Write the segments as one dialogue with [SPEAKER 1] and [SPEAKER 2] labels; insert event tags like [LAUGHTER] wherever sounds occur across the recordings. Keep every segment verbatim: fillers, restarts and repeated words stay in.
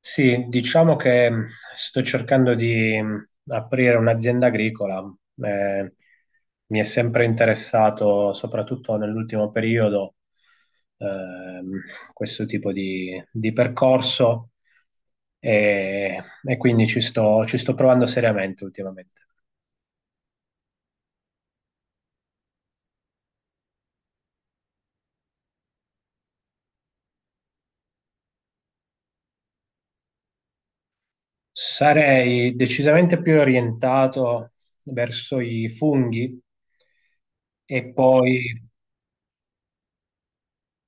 [SPEAKER 1] Sì, diciamo che mh, sto cercando di mh, aprire un'azienda agricola. Eh, Mi è sempre interessato, soprattutto nell'ultimo periodo, ehm, questo tipo di, di percorso e, e quindi ci sto, ci sto provando seriamente ultimamente. Sarei decisamente più orientato verso i funghi. E poi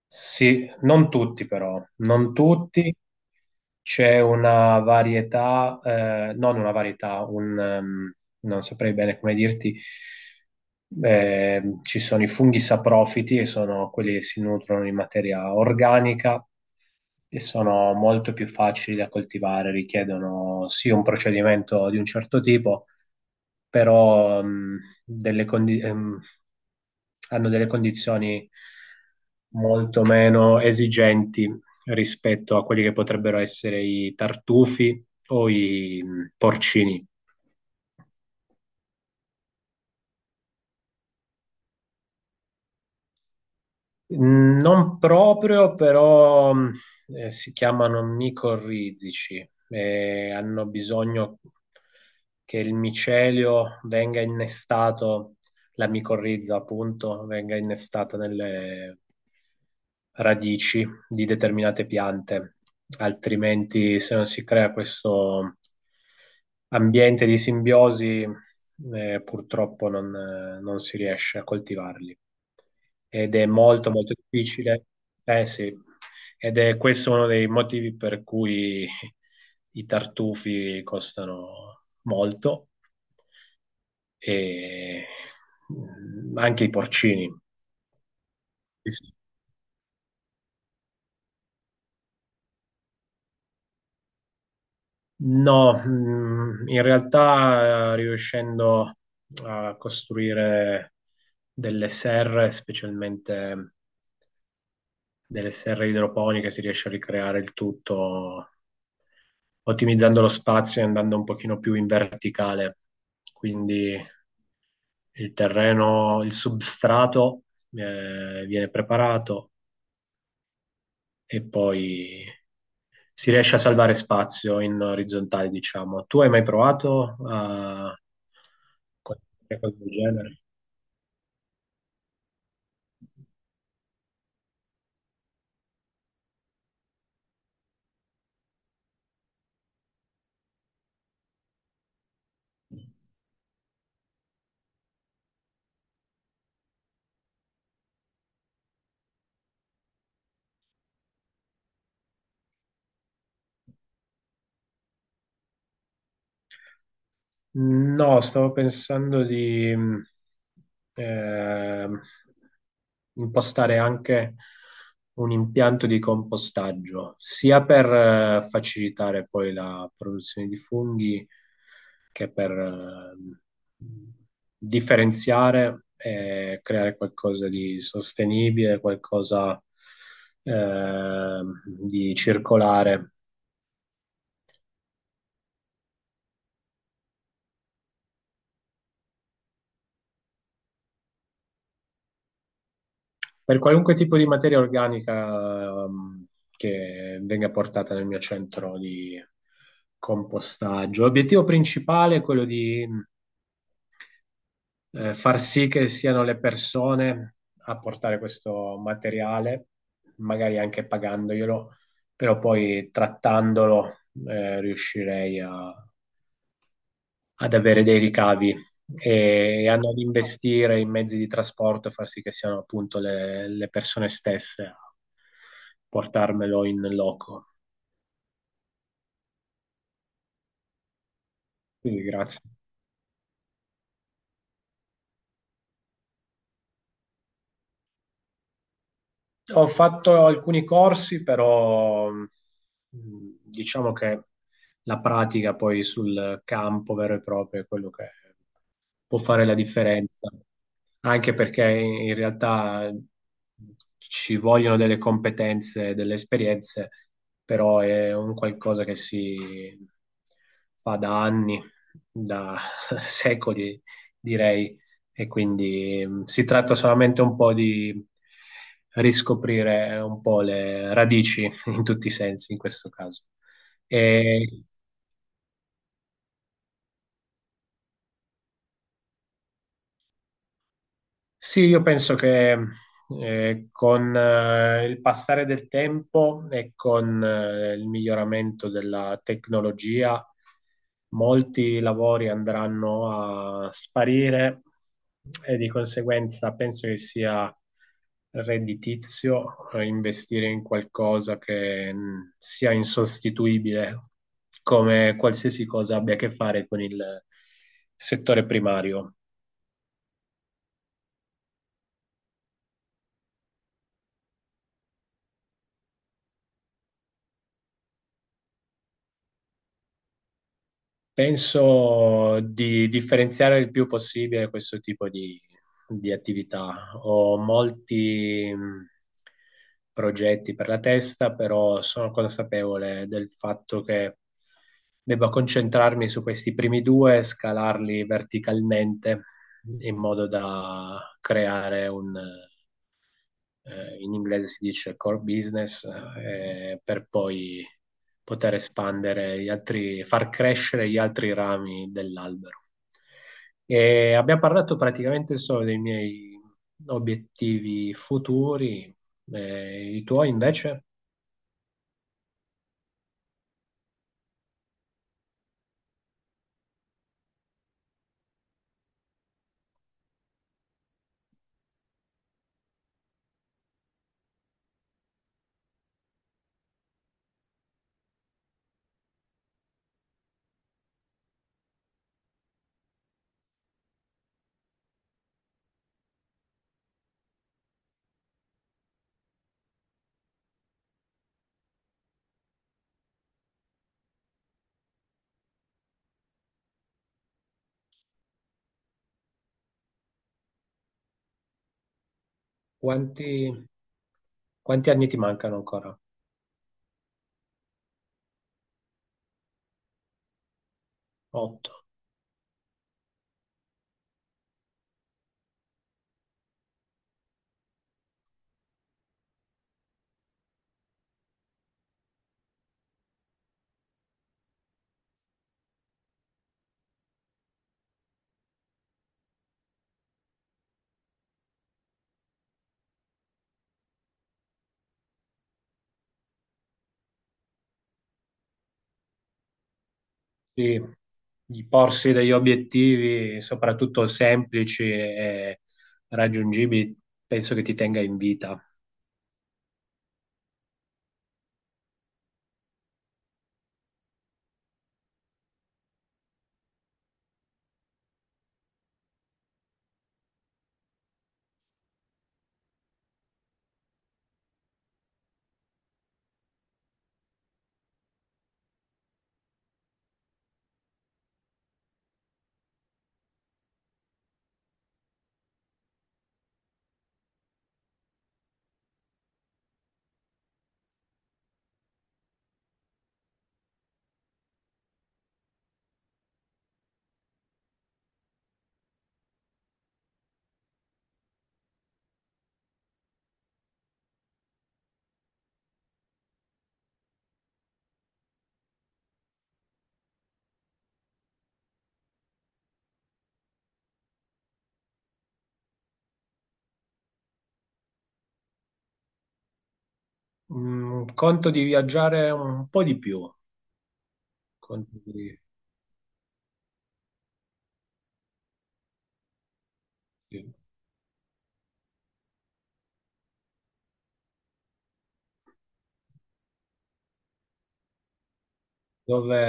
[SPEAKER 1] sì, non tutti però, non tutti, c'è una varietà, eh, non una varietà, un, ehm, non saprei bene come dirti, eh, ci sono i funghi saprofiti che sono quelli che si nutrono di materia organica e sono molto più facili da coltivare, richiedono sì un procedimento di un certo tipo, però mh, delle condi- ehm, hanno delle condizioni molto meno esigenti rispetto a quelli che potrebbero essere i tartufi o i mh, porcini. Non proprio, però mh, eh, si chiamano micorrizici e hanno bisogno che il micelio venga innestato, la micorrizza appunto, venga innestata nelle radici di determinate piante, altrimenti se non si crea questo ambiente di simbiosi, eh, purtroppo non eh, non si riesce a coltivarli ed è molto molto difficile. Eh sì, ed è questo uno dei motivi per cui i tartufi costano molto e mm, anche i porcini. No, mm, in realtà eh, riuscendo a costruire delle serre, specialmente delle serre idroponiche, si riesce a ricreare il tutto ottimizzando lo spazio e andando un pochino più in verticale. Quindi il terreno, il substrato eh, viene preparato e poi si riesce a salvare spazio in orizzontale, diciamo. Tu hai mai provato a fare qualcosa del genere? No, stavo pensando di mh, ehm, impostare anche un impianto di compostaggio, sia per eh, facilitare poi la produzione di funghi che per eh, differenziare e creare qualcosa di sostenibile, qualcosa eh, di circolare. Per qualunque tipo di materia organica, ehm, che venga portata nel mio centro di compostaggio. L'obiettivo principale è quello di eh, far sì che siano le persone a portare questo materiale, magari anche pagandoglielo, però poi trattandolo eh, riuscirei a- ad avere dei ricavi e, e a non investire in mezzi di trasporto, far sì che siano appunto le le persone stesse portarmelo in loco. Quindi grazie. Ho fatto alcuni corsi, però mh, diciamo che la pratica poi sul campo vero e proprio è quello che può fare la differenza. Anche perché in in realtà ci vogliono delle competenze, delle esperienze, però è un qualcosa che si fa da anni, da [LAUGHS] secoli, direi, e quindi mh, si tratta solamente un po' di riscoprire un po' le radici in tutti i sensi in questo caso. E sì, io penso che eh, con eh, il passare del tempo e con eh, il miglioramento della tecnologia, molti lavori andranno a sparire e di conseguenza penso che sia redditizio eh, investire in qualcosa che mh, sia insostituibile, come qualsiasi cosa abbia a che fare con il settore primario. Penso di differenziare il più possibile questo tipo di, di attività. Ho molti mh, progetti per la testa, però sono consapevole del fatto che debba concentrarmi su questi primi due e scalarli verticalmente in modo da creare un eh, in inglese si dice core business, eh, per poi poter espandere gli altri, far crescere gli altri rami dell'albero. E abbiamo parlato praticamente solo dei miei obiettivi futuri, eh, i tuoi invece, quanti, quanti anni ti mancano ancora? Otto. Sì, di porsi degli obiettivi, soprattutto semplici e raggiungibili, penso che ti tenga in vita. Mm, conto di viaggiare un po' di più, conto di- di- dove,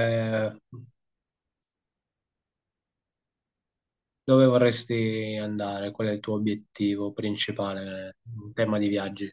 [SPEAKER 1] dove vorresti andare? Qual è il tuo obiettivo principale in tema di viaggi?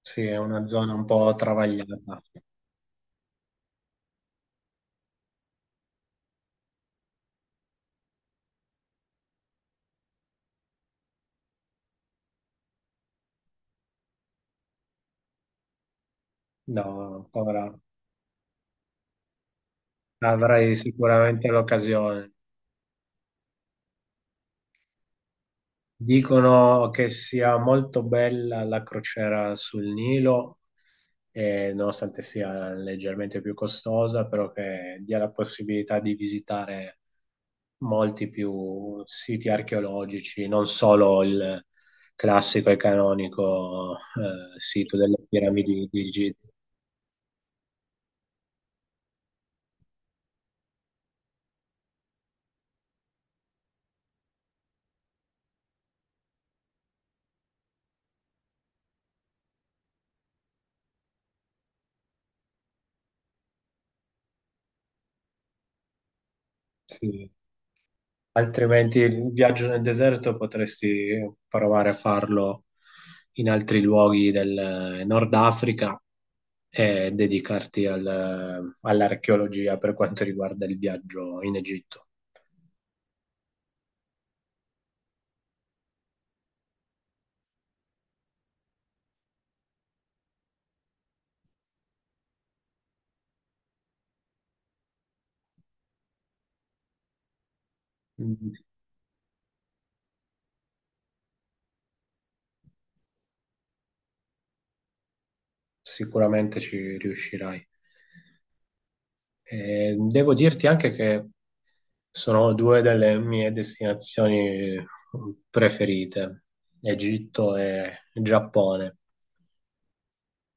[SPEAKER 1] Sì, è una zona un po' travagliata. No, avrà- avrai sicuramente l'occasione. Dicono che sia molto bella la crociera sul Nilo eh, nonostante sia leggermente più costosa, però che dia la possibilità di visitare molti più siti archeologici, non solo il classico e canonico eh, sito delle piramidi di Gizeh. Sì. Altrimenti il viaggio nel deserto potresti provare a farlo in altri luoghi del Nord Africa e dedicarti al- all'archeologia per quanto riguarda il viaggio in Egitto. Mm, Sicuramente ci riuscirai. Eh, devo dirti anche che sono due delle mie destinazioni preferite, Egitto e Giappone.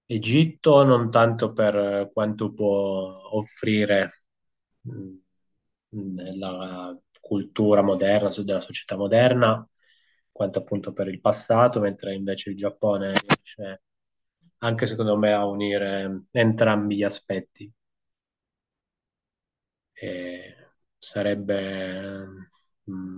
[SPEAKER 1] Egitto non tanto per eh, quanto può offrire mh, nella cultura moderna, su- della società moderna, quanto appunto per il passato, mentre invece il Giappone riesce anche secondo me a unire mm, entrambi gli aspetti. E sarebbe mm,